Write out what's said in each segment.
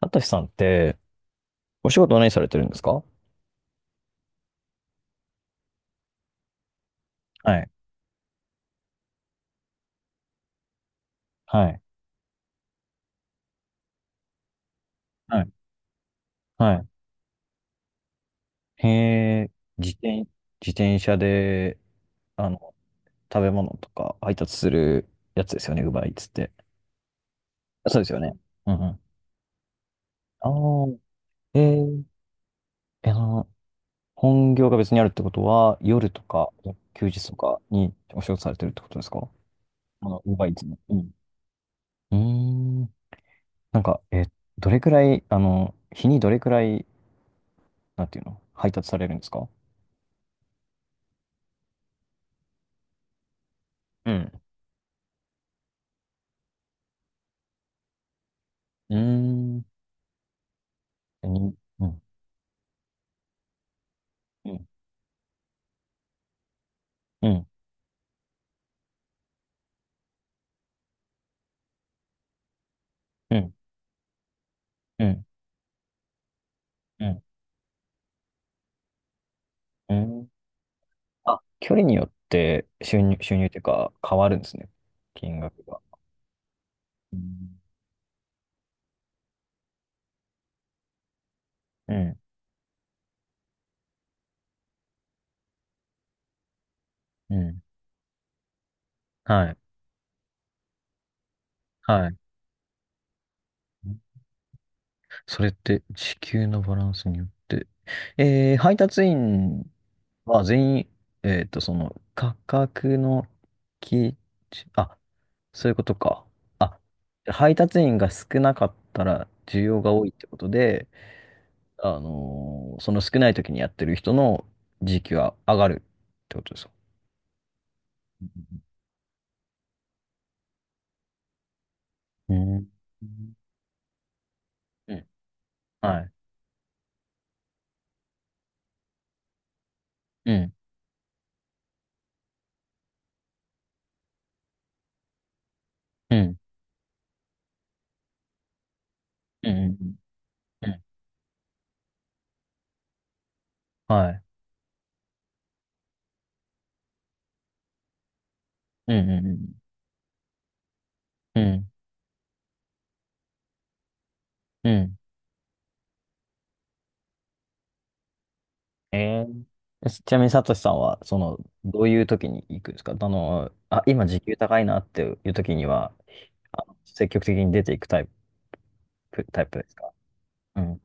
あたしさんって、お仕事は何されてるんですか？はい、はい、はい、はい。へえ、自転車で、あの、食べ物とか配達するやつですよね、ウーバーイーツって。そうですよね。うんうん。ああ、えーえ、本業が別にあるってことは、夜とか、休日とかにお仕事されてるってことですか？あの、ウーバーイーツの。うん。うーん。なんか、え、どれくらい、あの、日にどれくらい、なんていうの、配達されるんですか？うん。うーん。に、うん、うん、うん、うん、うん、うん。うん、あ、距離によって収入、収入というか変わるんですね。金額が。うん、うん、うん、はい、はい。それって時給のバランスによって。えー、配達員は全員、えっと、その価格の基あ、そういうことか。あ、配達員が少なかったら需要が多いってことで、あのーその少ない時にやってる人の時給は上がるってことですか？うんうん。はい。うん。うん。うん。うんうんはい。うん。うん。うん。うん。うん、えー、ちなみにサトシさんは、その、どういう時に行くんですか？あの、あ、今時給高いなっていう時には、あ積極的に出ていくタイプですか？うん。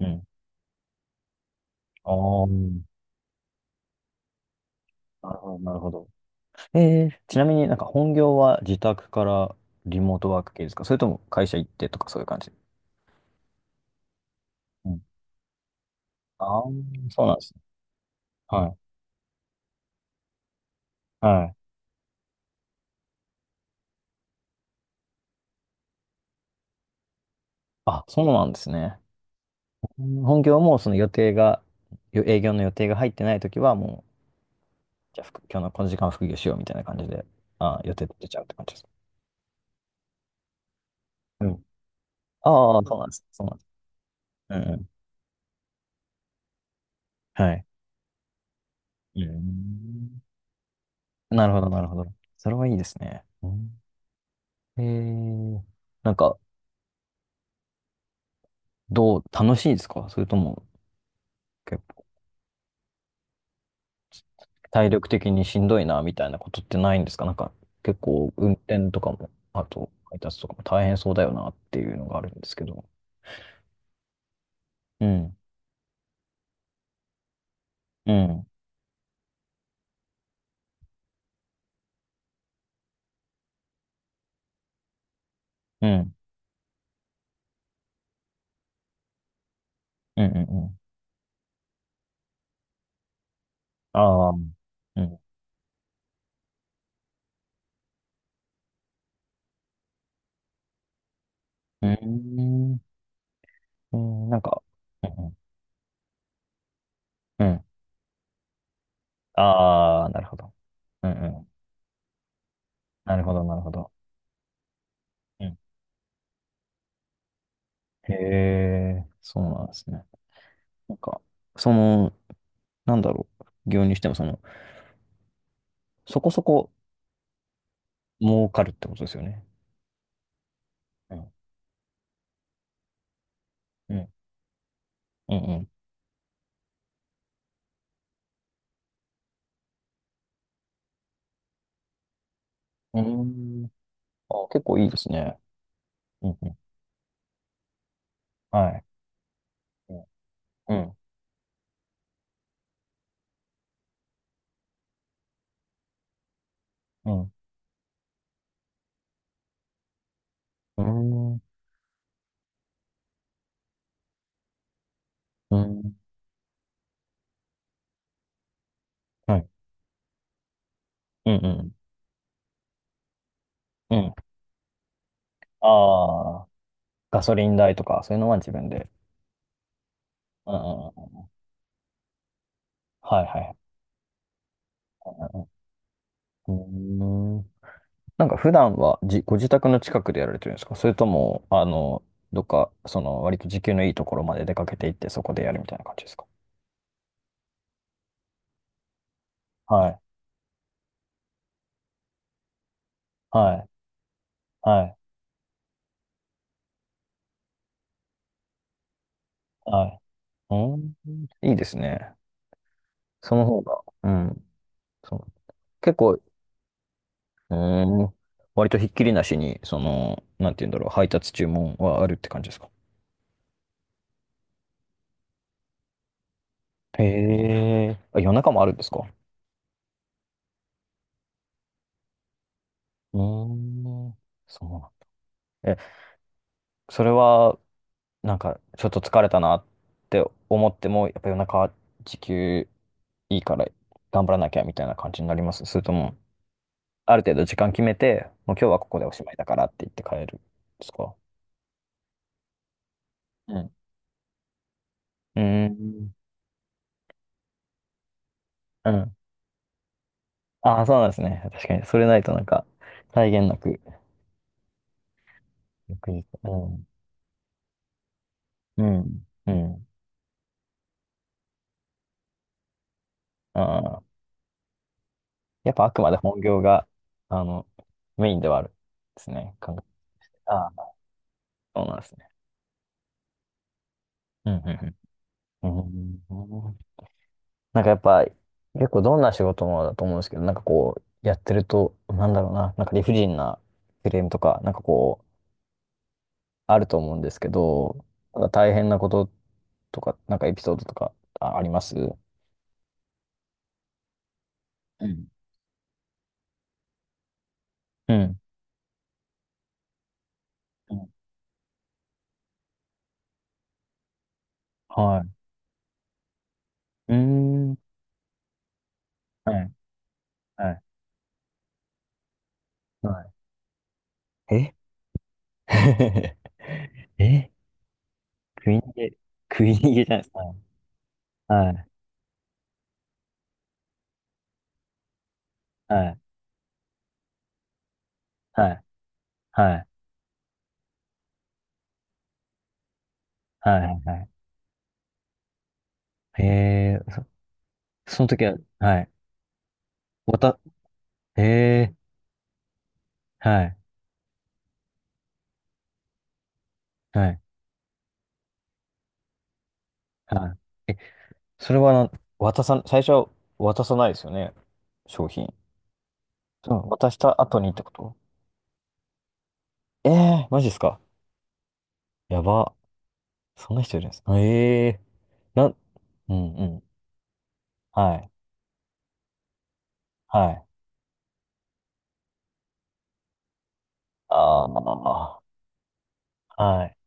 うん。ああ、なるほど、なるほど。えー、ちなみになんか本業は自宅からリモートワーク系ですか？それとも会社行ってとかそういう感じ？うん。ああ、そうなんですね。はい。はい。あ、そうなんですね。うん、本業もその予定が、営業の予定が入ってないときはもう、じゃあ今日のこの時間は副業しようみたいな感じで、あー、予定立てちゃうって感じですか。うん。ああ、そうなんです。そうなんです。うんうん。はい。うん。なるほど、なるほど。それはいいですね。うん、えー、なんか、どう、楽しいですか？それとも、体力的にしんどいな、みたいなことってないんですか？なんか、結構、運転とかも、あと、配達とかも大変そうだよな、っていうのがあるんですけど。うん、うん、うん、うん、うん、うん。ああ、うん、うん、うん、うん、なんか、うんうん、うん。ああ、なるほど。うん、うん。なるほど、なるほど。うん、へえ、そうなんですね。なんか、その、なんだろう、副業にしても、その、そこそこ儲かるってことですよね。うん、うん、うん、うん。うーん、あ、結構いいですね。うんうん。はい。うん。うん。うん。うん。はい。うん。うん。うん。ああ、ガソリン代とか、そういうのは自分で。うんうん。うん、はいはいはい。うんうん。なんか普段はご自宅の近くでやられてるんですか？それとも、あの、どっか、その、割と時給のいいところまで出かけていって、そこでやるみたいな感じですか？はい。はい。はい。はい。うん。いいですね。その方が。うん。そう。結構、うーん。割とひっきりなしに、その、なんて言うんだろう、配達注文はあるって感じですか？へえ。あ、夜中もあるんですか？うーん。そうなん。え、それは、なんか、ちょっと疲れたなって思っても、やっぱ夜中、時給いいから頑張らなきゃみたいな感じになります？それとも、ある程度時間決めて、もう今日はここでおしまいだからって言って帰るんですか？うん。うーん。うん。ああ、そうなんですね。確かに。それないとなんか、際限なく翌日。うん。うん。うん。ああ。やっぱあくまで本業が、あの、メインではあるですね。考え、ああ、そうなんですね。うん。うん。うんうん、なんかやっぱ、結構どんな仕事もだと思うんですけど、なんかこう、やってると、なんだろうな、なんか理不尽なクレームとか、なんかこう、あると思うんですけど、なんか大変なこととか、なんかエピソードとか、あ、あります？うん。うん。うん、はい。うーん。はい。はい。はい。え え、食い逃げ、食い逃げじゃないですか。はい、はい、はい、はい、はい、はい。はい、えー、その時は、はい。渡、へえー、はい、はい、はい。それはな、最初は渡さないですよね。商品。その渡した後にってこと？ええ、マジですか。やば。そんな人いるんですか。えなん、うん、うん。はい、はい。ああ、はい、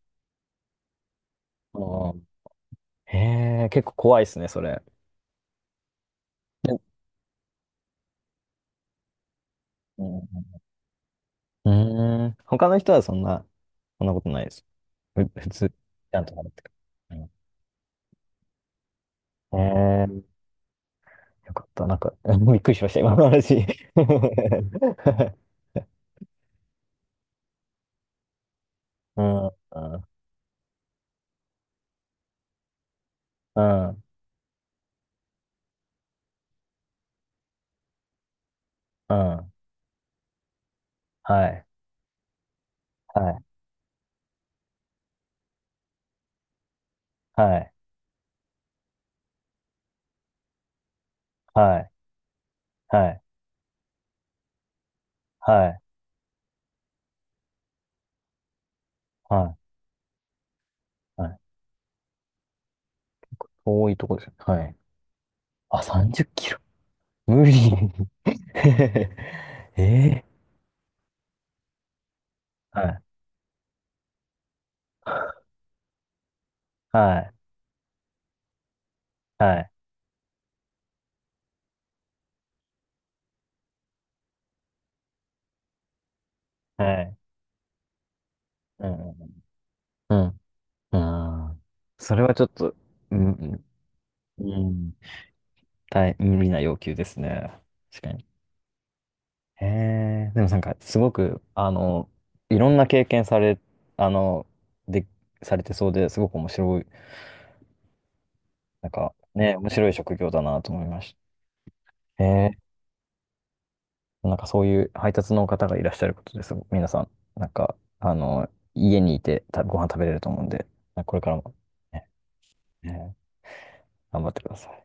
うん。へえ、結構怖いですね、それ。うんうんうんうーん。他の人はそんな、そんなことないです。普通、ちゃんと払ってくる。うん、ええ、よかった。なんか、びっくりしました、今の話。うん、うん、うん、うん。はい、はい、はい、はい、はい、はい、はい、はい。遠いとこですね。はい。あ、30キロ。無理。ええ、はい、はい、はい、はい。うん、うん。ああ、それはちょっと、うん、うん、大、無理な要求ですね。確かに。へえ、でもなんか、すごく、あの、いろんな経験され、あの、で、されてそうですごく面白い、なんか、ね、面白い職業だなと思いました。へえ、なんかそういう配達の方がいらっしゃることです。皆さん、なんか、あの、家にいてたご飯食べれると思うんで、これからもね、ね頑張ってください。